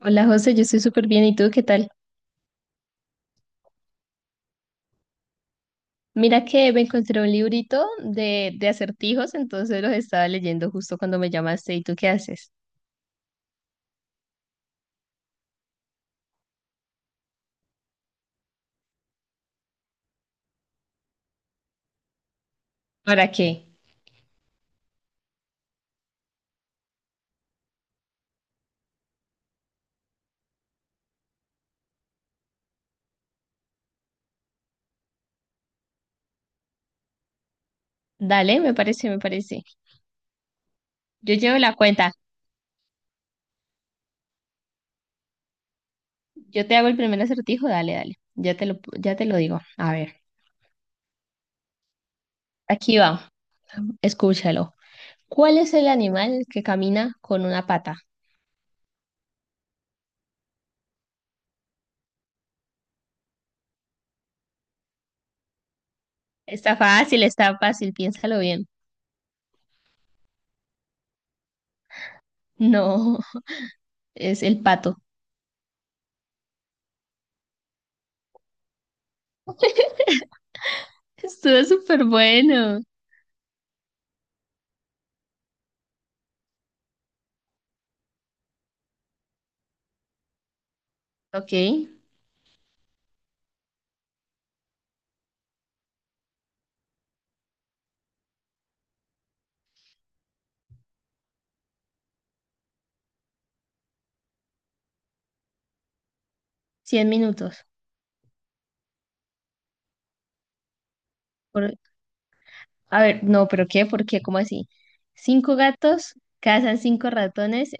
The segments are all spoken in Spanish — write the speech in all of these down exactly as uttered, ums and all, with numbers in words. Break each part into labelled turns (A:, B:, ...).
A: Hola José, yo estoy súper bien. ¿Y tú qué tal? Mira que me encontré un librito de, de acertijos, entonces los estaba leyendo justo cuando me llamaste. ¿Y tú qué haces? ¿Para qué? Dale, me parece, me parece. Yo llevo la cuenta. Yo te hago el primer acertijo. Dale, dale. Ya te lo, ya te lo digo. A ver, aquí va. Escúchalo. ¿Cuál es el animal que camina con una pata? Está fácil, está fácil. Piénsalo bien. No, es el pato. Estuvo súper bueno. Ok, cien minutos. Por A ver, no, pero ¿qué? ¿Por qué? ¿Cómo así? Cinco gatos cazan cinco ratones.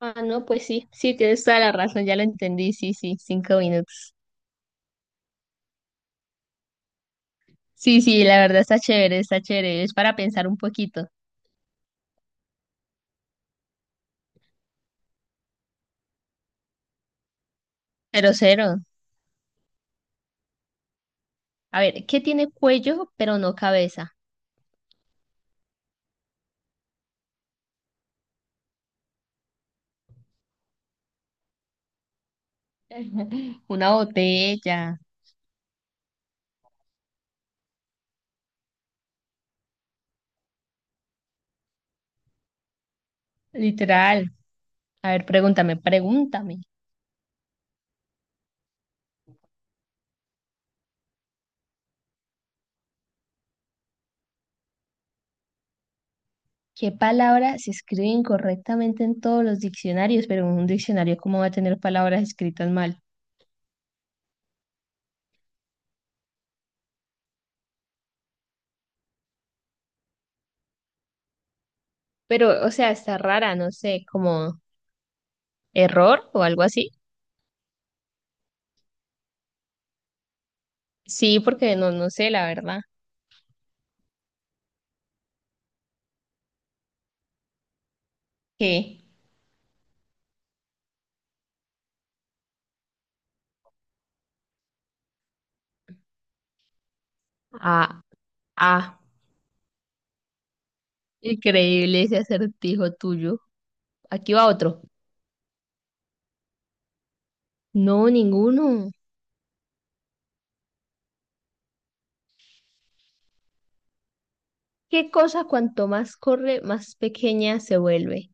A: Ah, no, pues sí, sí, tienes toda la razón, ya lo entendí, sí, sí, cinco minutos. Sí, sí, la verdad está chévere, está chévere, es para pensar un poquito. Pero cero. A ver, ¿qué tiene cuello pero no cabeza? Una botella, literal. A ver, pregúntame, pregúntame. ¿Qué palabra se escribe incorrectamente en todos los diccionarios? Pero en un diccionario, ¿cómo va a tener palabras escritas mal? Pero, o sea, está rara, no sé, como error o algo así. Sí, porque no, no sé, la verdad. ¿Qué? Ah, ah, increíble ese acertijo tuyo. Aquí va otro. No, ninguno. ¿Qué cosa cuanto más corre, más pequeña se vuelve?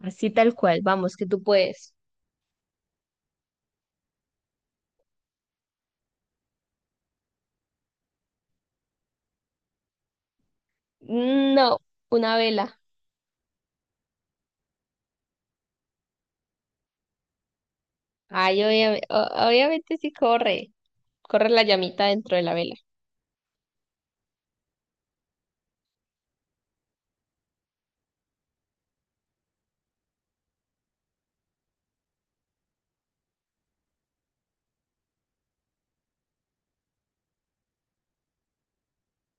A: Así tal cual, vamos, que tú puedes. No, una vela. Ay, obvia- o- obviamente sí corre. Corre la llamita dentro de la vela.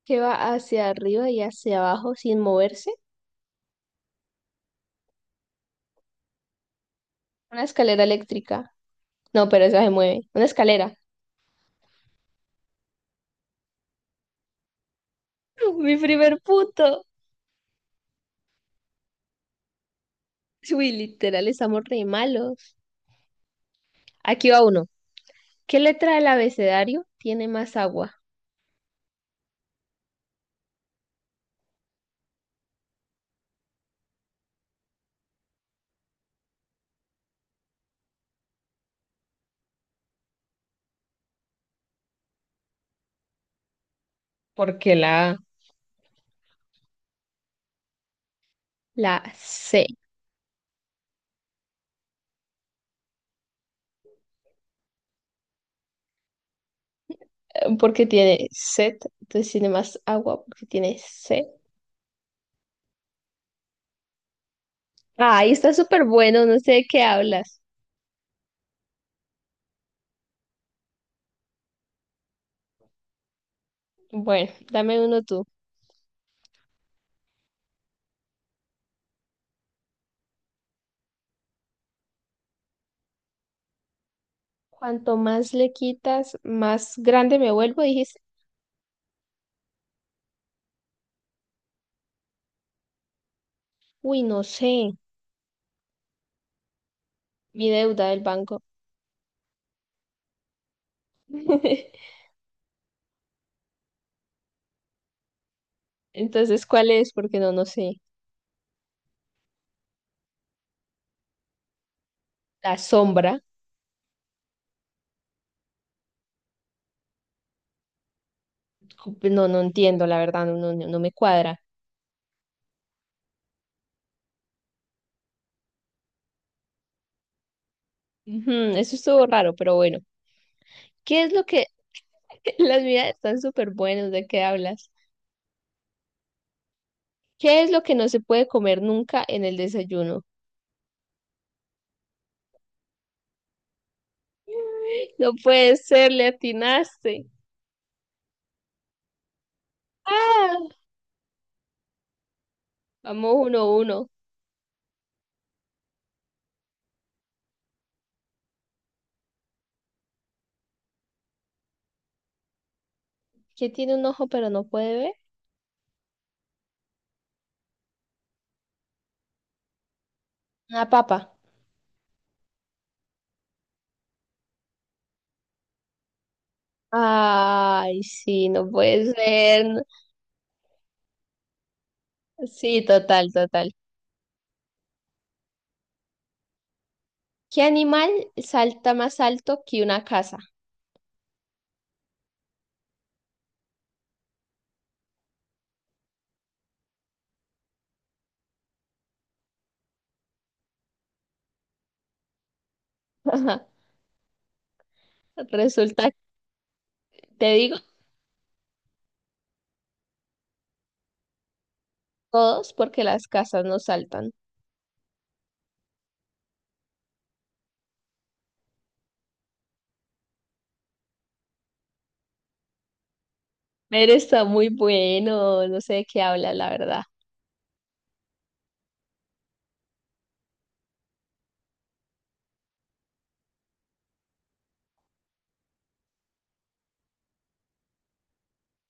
A: Que va hacia arriba y hacia abajo sin moverse. Una escalera eléctrica. No, pero esa se mueve. Una escalera. Mi primer punto. Uy, literal, estamos re malos. Aquí va uno. ¿Qué letra del abecedario tiene más agua? Porque la... La C. Porque tiene sed, entonces tiene más agua porque tiene C. Ahí está súper bueno, no sé de qué hablas. Bueno, dame uno tú. Cuanto más le quitas, más grande me vuelvo. Dijiste, uy, no sé, mi deuda del banco. Entonces, ¿cuál es? Porque no, no sé. La sombra, no, no entiendo, la verdad, no, no, no me cuadra. Ujú, eso estuvo raro, pero bueno. ¿Qué es lo que... Las mías están súper buenas, ¿de qué hablas? ¿Qué es lo que no se puede comer nunca en el desayuno? No puede ser, le atinaste. ¡Ah! Vamos uno a uno. ¿Qué tiene un ojo pero no puede ver? Una papa. Ay, sí, no puede ser. Sí, total, total. ¿Qué animal salta más alto que una casa? Resulta Te digo todos porque las casas no saltan. Pero está muy bueno, no sé de qué habla, la verdad.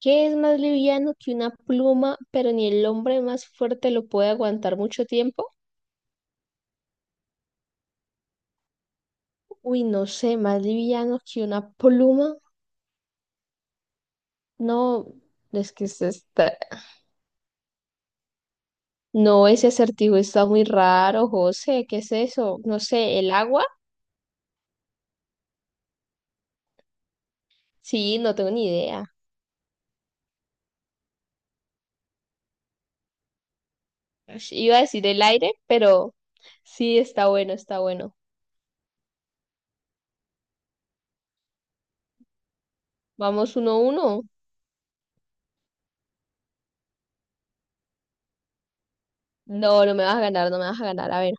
A: ¿Qué es más liviano que una pluma, pero ni el hombre más fuerte lo puede aguantar mucho tiempo? Uy, no sé, más liviano que una pluma. No, es que se está... no, ese acertijo está muy raro, José. ¿Qué es eso? No sé, ¿el agua? Sí, no tengo ni idea. Ush, iba a decir el aire, pero sí, está bueno, está bueno. Vamos uno a uno. No, no me vas a ganar, no me vas a ganar. A ver,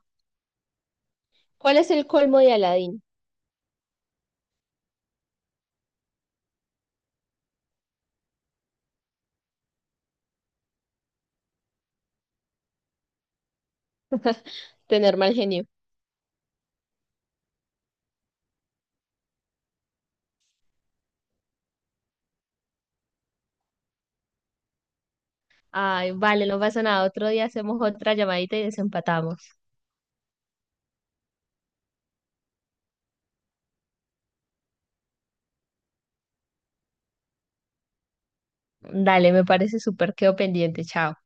A: ¿cuál es el colmo de Aladín? Tener mal genio. Ay, vale, no pasa nada. Otro día hacemos otra llamadita y desempatamos. Dale, me parece súper. Quedo pendiente. Chao.